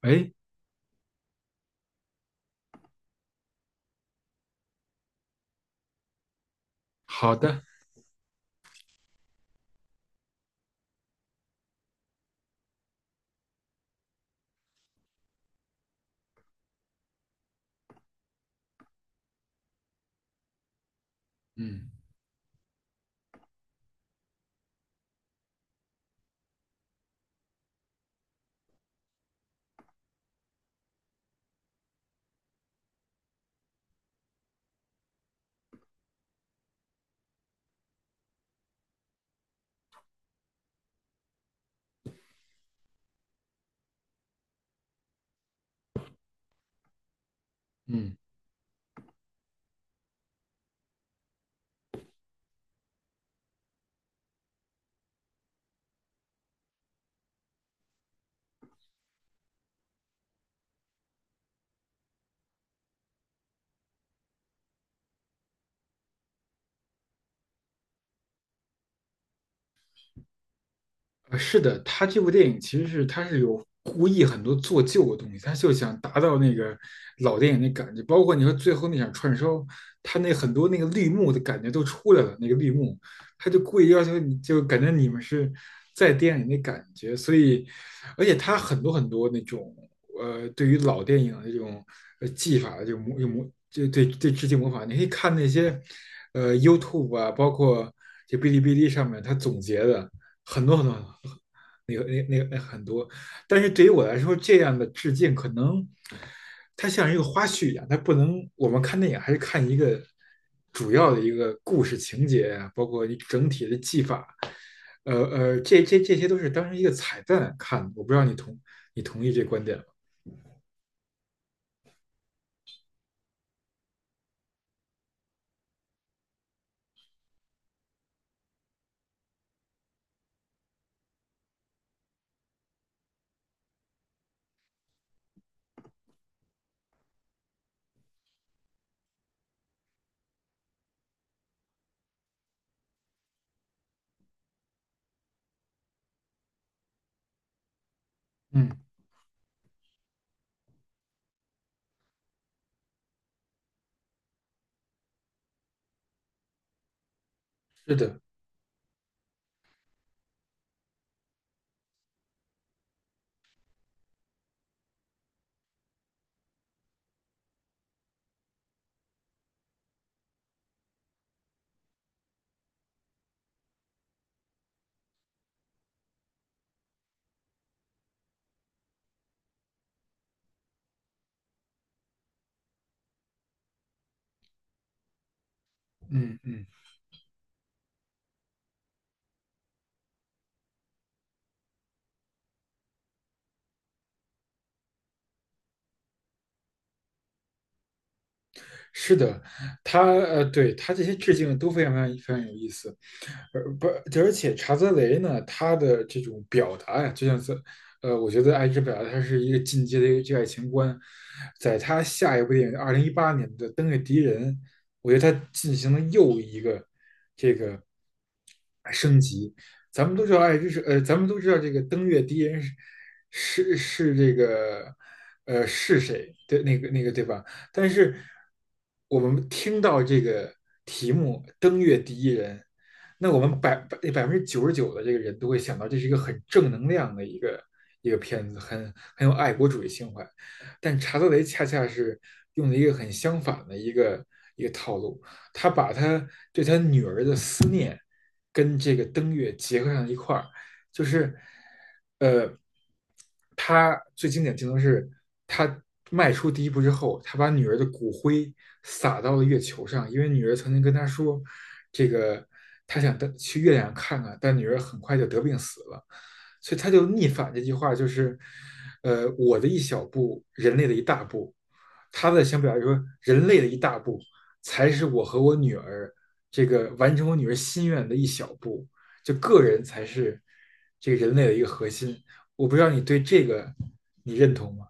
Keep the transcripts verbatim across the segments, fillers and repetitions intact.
哎，好的，嗯嗯。呃，是的，他这部电影其实是他是有故意很多做旧的东西，他就想达到那个老电影的感觉，包括你说最后那场串烧，他那很多那个绿幕的感觉都出来了，那个绿幕，他就故意要求你就感觉你们是在电影里的感觉，所以，而且他很多很多那种呃，对于老电影的这种呃技法的这种模有模就对对致敬模仿，你可以看那些呃 YouTube 啊，包括这哔哩哔哩上面他总结的。很多很多很多，那个那那个那很多。但是对于我来说，这样的致敬可能它像一个花絮一样，它不能我们看电影还是看一个主要的一个故事情节啊，包括你整体的技法，呃呃，这这这些都是当成一个彩蛋看的。我不知道你同你同意这观点吗？嗯，是的，嗯嗯，是的，他呃，对他这些致敬都非常非常非常有意思。而不，而且查泽雷呢，他的这种表达呀，就像是，呃，我觉得爱之表达，他是一个进阶的一个这爱情观。在他下一部电影二零一八年的《登月敌人》，我觉得他进行了又一个咱们都知道爱之是呃，咱们都知道这个登月第一人是是是这个呃是谁对那个那个对吧？但是我们听到这个题目"登月第一人"，那我们百百百分之九十九的这个人都会想到这是一个很正能量的一个一个片子，很很有爱国主义情怀。但查德雷恰恰是用了一个很相反的一个一个套路，他把他对他女儿的思念跟这个登月结合上一块儿，就是呃，他最经典镜头是他迈出第一步之后，他把女儿的骨灰撒到了月球上，因为女儿曾经跟他说，这个他想登去月亮看看，但女儿很快就得病死了，所以他就逆反这句话，就是呃，我的一小步，人类的一大步。他的想表达说，人类的一大步才是我和我女儿这个完成我女儿心愿的一小步。就个人才是这个人类的一个核心。我不知道你对这个你认同吗？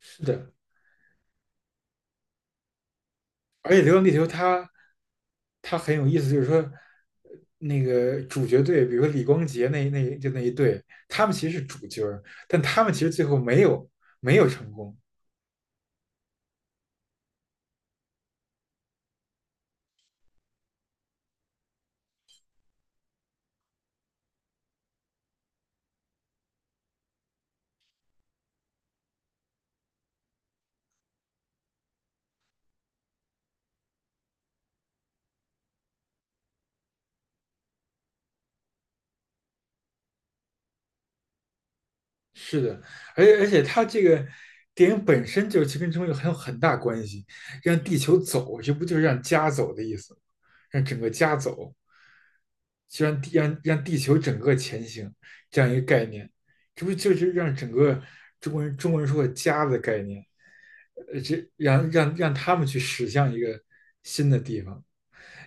是的，而且《流浪地球》它它很有意思，就是说呃那个主角队，比如说李光洁那那就那一队，他们其实是主角但他们其实最后没有没有成功，是的，而且而且它这个电影本身就是其实跟中国很有很大关系，让地球走，这不就是让家走的意思吗让整个家走，就让地让让地球整个前行这样一个概念，这不就是让整个中国人中国人说的家的概念？呃，这让让让他们去驶向一个新的地方。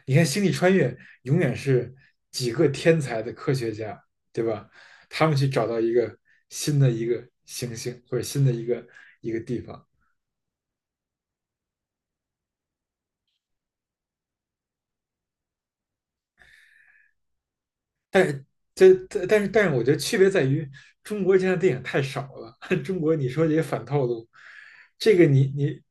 你看，星际穿越永远是几个天才的科学家，对吧？他们去找到一个新的一个行星或者新的一个一个地方。这但但是但是，我觉得区别在于中国现在电影太少了。中国你说这些反套路，这个你你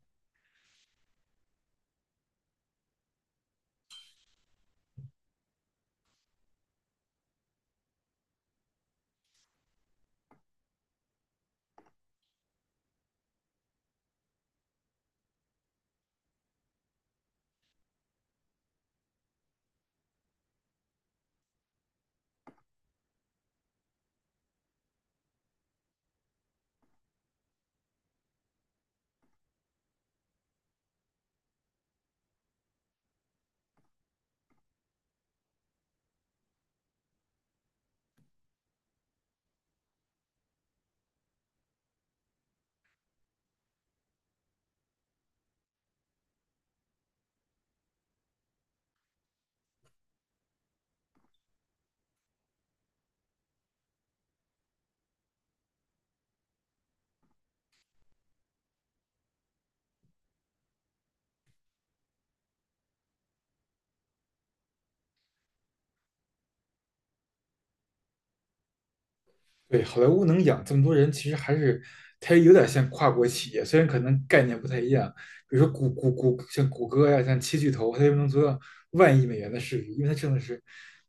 对，好莱坞能养这么多人，其实还是它有点像跨国企业，虽然可能概念不太一样。比如说谷谷谷，像谷歌呀、像七巨头，它就能做到万亿美元的市值，因为它挣的是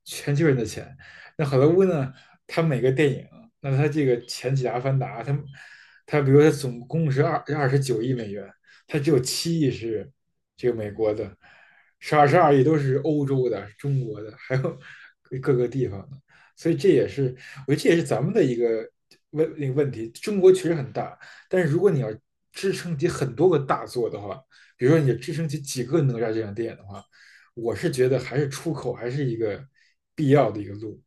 全球人的钱。那好莱坞呢，它每个电影，那它这个前几个《阿凡达》，它它比如说它总共是二二十九亿美元，它只有七亿是这个美国的，是二十二亿都是欧洲的、中国的，还有各个地方的。所以这也是我觉得这也是咱们的一个问那个问题。中国确实很大，但是如果你要支撑起很多个大作的话，比如说你支撑起几个哪吒这样的电影的话，我是觉得还是出口还是一个必要的一个路。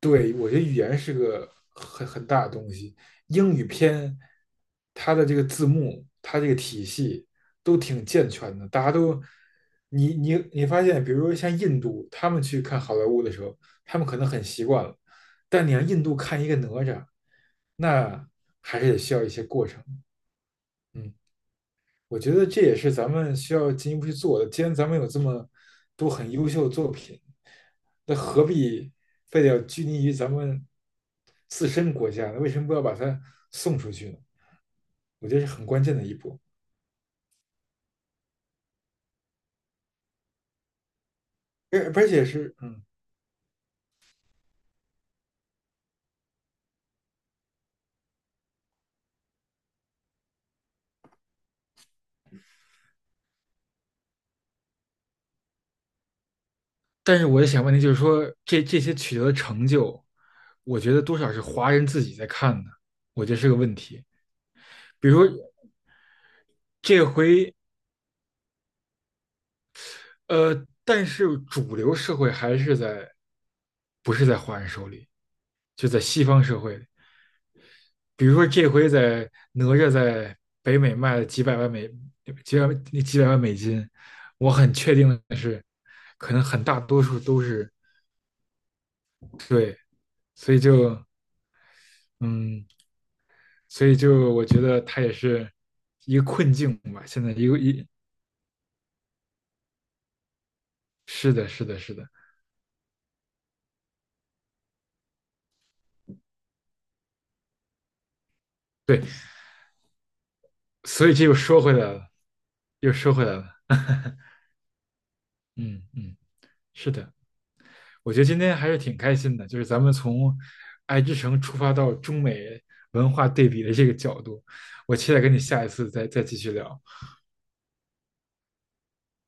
对，我觉得语言是个很很大的东西。英语片，它的这个字幕，它这个体系都挺健全的，大家都，你你你发现，比如说像印度，他们去看好莱坞的时候，他们可能很习惯了，但你让印度看一个哪吒，那还是得需要一些过程。嗯。我觉得这也是咱们需要进一步去做的。既然咱们有这么多很优秀的作品，那何必非得要拘泥于咱们自身国家呢？为什么不要把它送出去呢？我觉得是很关键的一步，而而且是嗯。但是我也想问题就是说，这这些取得的成就，我觉得多少是华人自己在看的，我觉得是个问题。比如说这回呃，但是主流社会还是在，不是在华人手里，就在西方社会里。比如说这回在哪吒在北美卖了几百万美几百几百万美金，我很确定的是，可能很大多数都是对，所以就嗯，所以就我觉得它也是一个困境吧。现在一个一是的，是的，是的，对，所以这又说回来了，又说回来了，嗯嗯，是的。我觉得今天还是挺开心的，就是咱们从爱之城出发到中美文化对比的这个角度，我期待跟你下一次再再继续聊。